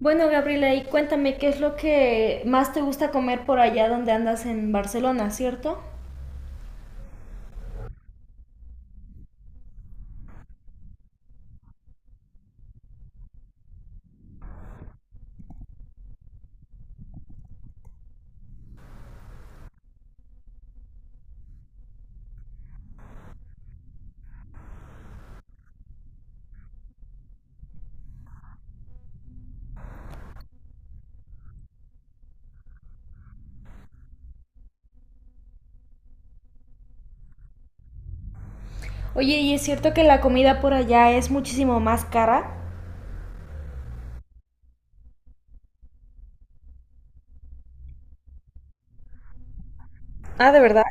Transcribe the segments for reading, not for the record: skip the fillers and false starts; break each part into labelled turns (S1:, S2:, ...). S1: Bueno, Gabriela, y cuéntame qué es lo que más te gusta comer por allá donde andas en Barcelona, ¿cierto? Oye, ¿y es cierto que la comida por allá es muchísimo más cara? Ah, de verdad.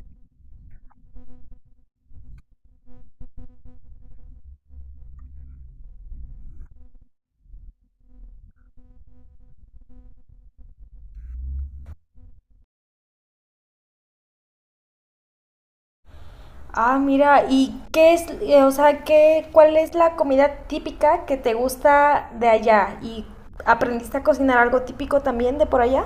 S1: Ah, mira, ¿y qué es, o sea, qué, cuál es la comida típica que te gusta de allá? ¿Y aprendiste a cocinar algo típico también de por allá?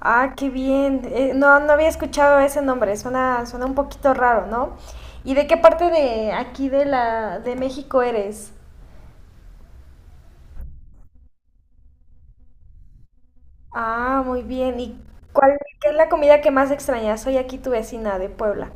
S1: Ah, qué bien. No, no había escuchado ese nombre. Suena un poquito raro, ¿no? ¿Y de qué parte de aquí de la de México eres? Ah, muy bien. ¿Y cuál, qué es la comida que más extrañas? Soy aquí tu vecina de Puebla.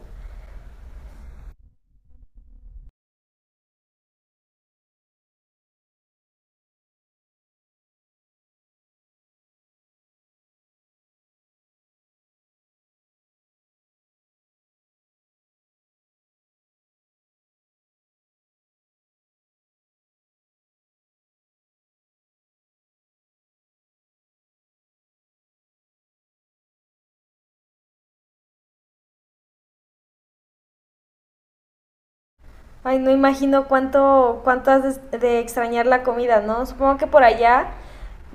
S1: Ay, no imagino cuánto has de extrañar la comida, ¿no? Supongo que por allá,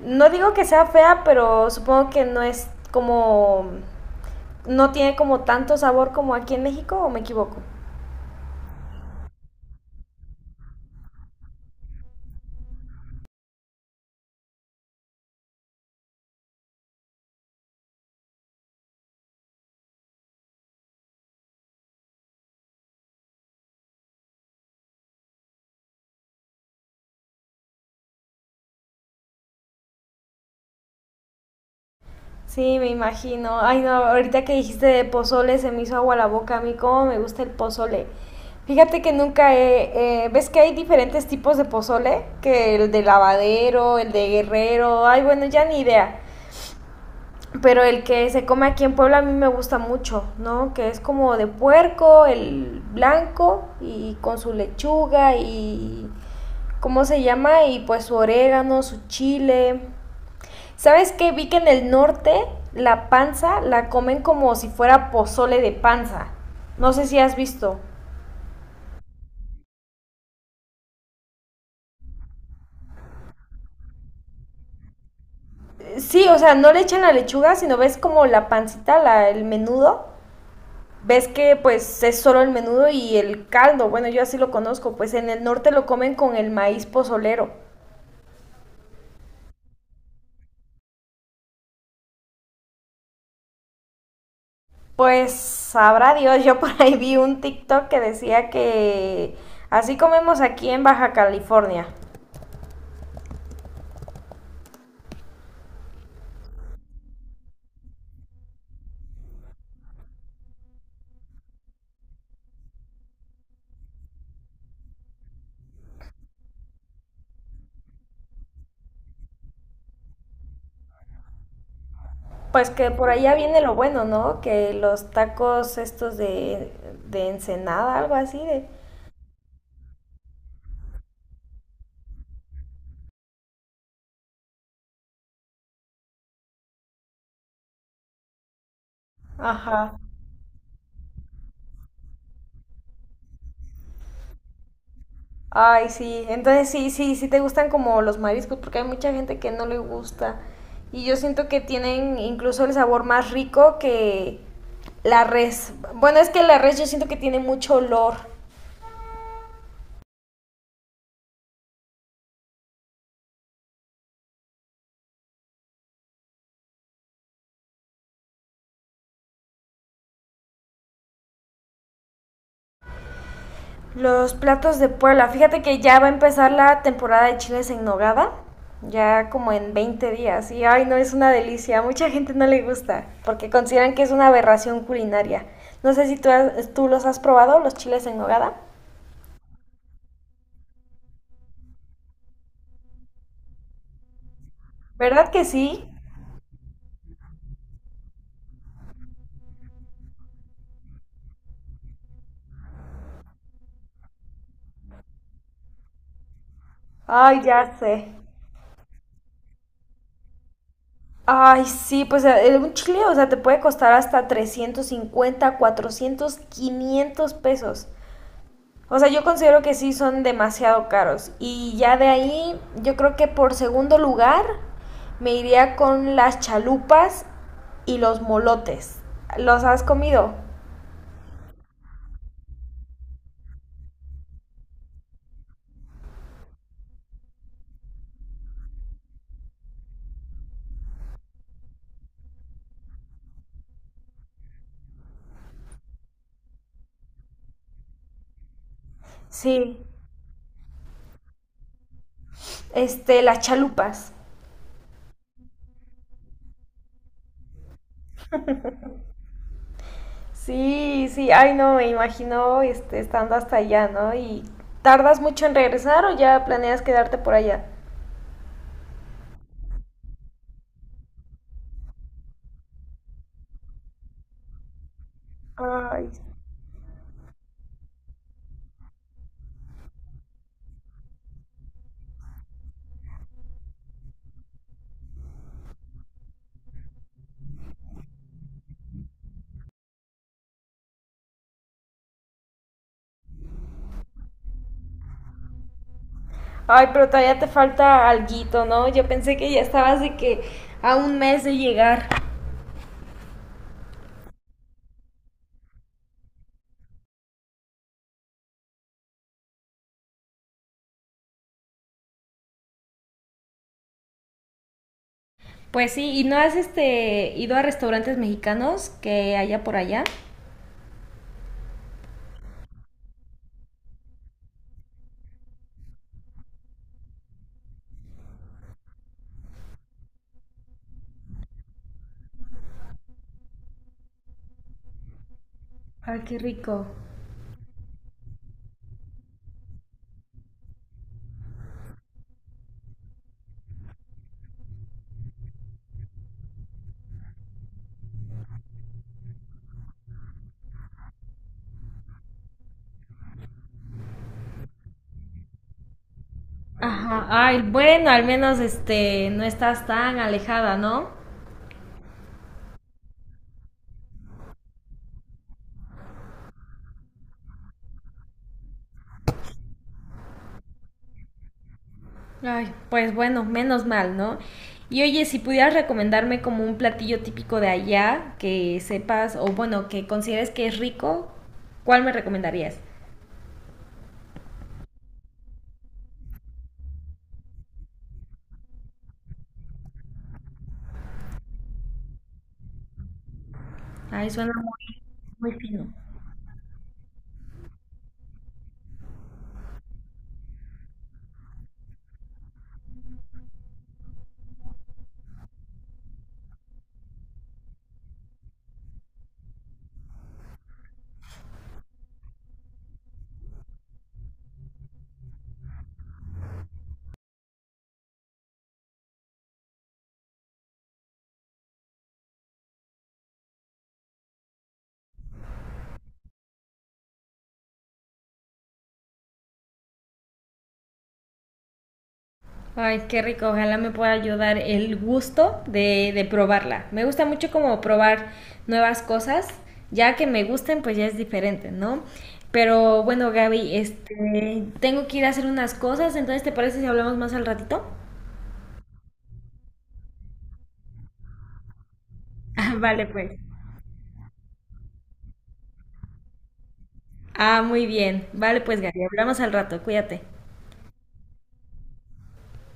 S1: no digo que sea fea, pero supongo que no es como, no tiene como tanto sabor como aquí en México, ¿o me equivoco? Sí, me imagino. Ay, no, ahorita que dijiste de pozole se me hizo agua la boca. A mí cómo me gusta el pozole. Fíjate que nunca he... ¿ves que hay diferentes tipos de pozole? Que el de lavadero, el de guerrero, ay, bueno, ya ni idea. Pero el que se come aquí en Puebla a mí me gusta mucho, ¿no? Que es como de puerco, el blanco y con su lechuga y... ¿Cómo se llama? Y pues su orégano, su chile. ¿Sabes qué? Vi que en el norte la panza la comen como si fuera pozole de panza. No sé si has visto. Sí, o sea, no le echan la lechuga, sino ves como la pancita, el menudo. Ves que pues es solo el menudo y el caldo. Bueno, yo así lo conozco. Pues en el norte lo comen con el maíz pozolero. Pues sabrá Dios, yo por ahí vi un TikTok que decía que así comemos aquí en Baja California. Pues que por allá viene lo bueno, ¿no? Que los tacos estos de Ensenada, algo así de... Ajá. Ay, sí. Entonces sí te gustan como los mariscos, porque hay mucha gente que no le gusta. Y yo siento que tienen incluso el sabor más rico que la res. Bueno, es que la res yo siento que tiene mucho olor. Los platos de Puebla. Fíjate que ya va a empezar la temporada de chiles en nogada. Ya como en 20 días. Y ay, no, es una delicia. A mucha gente no le gusta porque consideran que es una aberración culinaria. No sé si tú, tú los has probado, los chiles en nogada. ¿Verdad que sí? Ay, ya sé. Ay, sí, pues un chile, o sea, te puede costar hasta 350, 400, 500 pesos. O sea, yo considero que sí son demasiado caros. Y ya de ahí, yo creo que por segundo lugar me iría con las chalupas y los molotes. ¿Los has comido? Sí. Este, las chalupas. Sí, sí. Ay, no, me imagino este, estando hasta allá, ¿no? Y tardas mucho en regresar o ya planeas quedarte por allá. Ay. Ay, pero todavía te falta alguito, ¿no? Yo pensé que ya estabas de que a un mes de llegar. Pues sí, ¿y no has este ido a restaurantes mexicanos que haya por allá? Ay, qué rico. Ajá. Ay, bueno, al menos este no estás tan alejada, ¿no? Ay, pues bueno, menos mal, ¿no? Y oye, si pudieras recomendarme como un platillo típico de allá que sepas o bueno, que consideres que es rico, ¿cuál me recomendarías? Ay, suena muy, muy fino. Ay, qué rico, ojalá me pueda ayudar el gusto de probarla. Me gusta mucho como probar nuevas cosas, ya que me gusten, pues ya es diferente, ¿no? Pero bueno, Gaby, este, tengo que ir a hacer unas cosas, entonces ¿te parece si hablamos más al ratito? Ah, vale, pues. Ah, muy bien. Vale, pues Gaby, hablamos al rato, cuídate.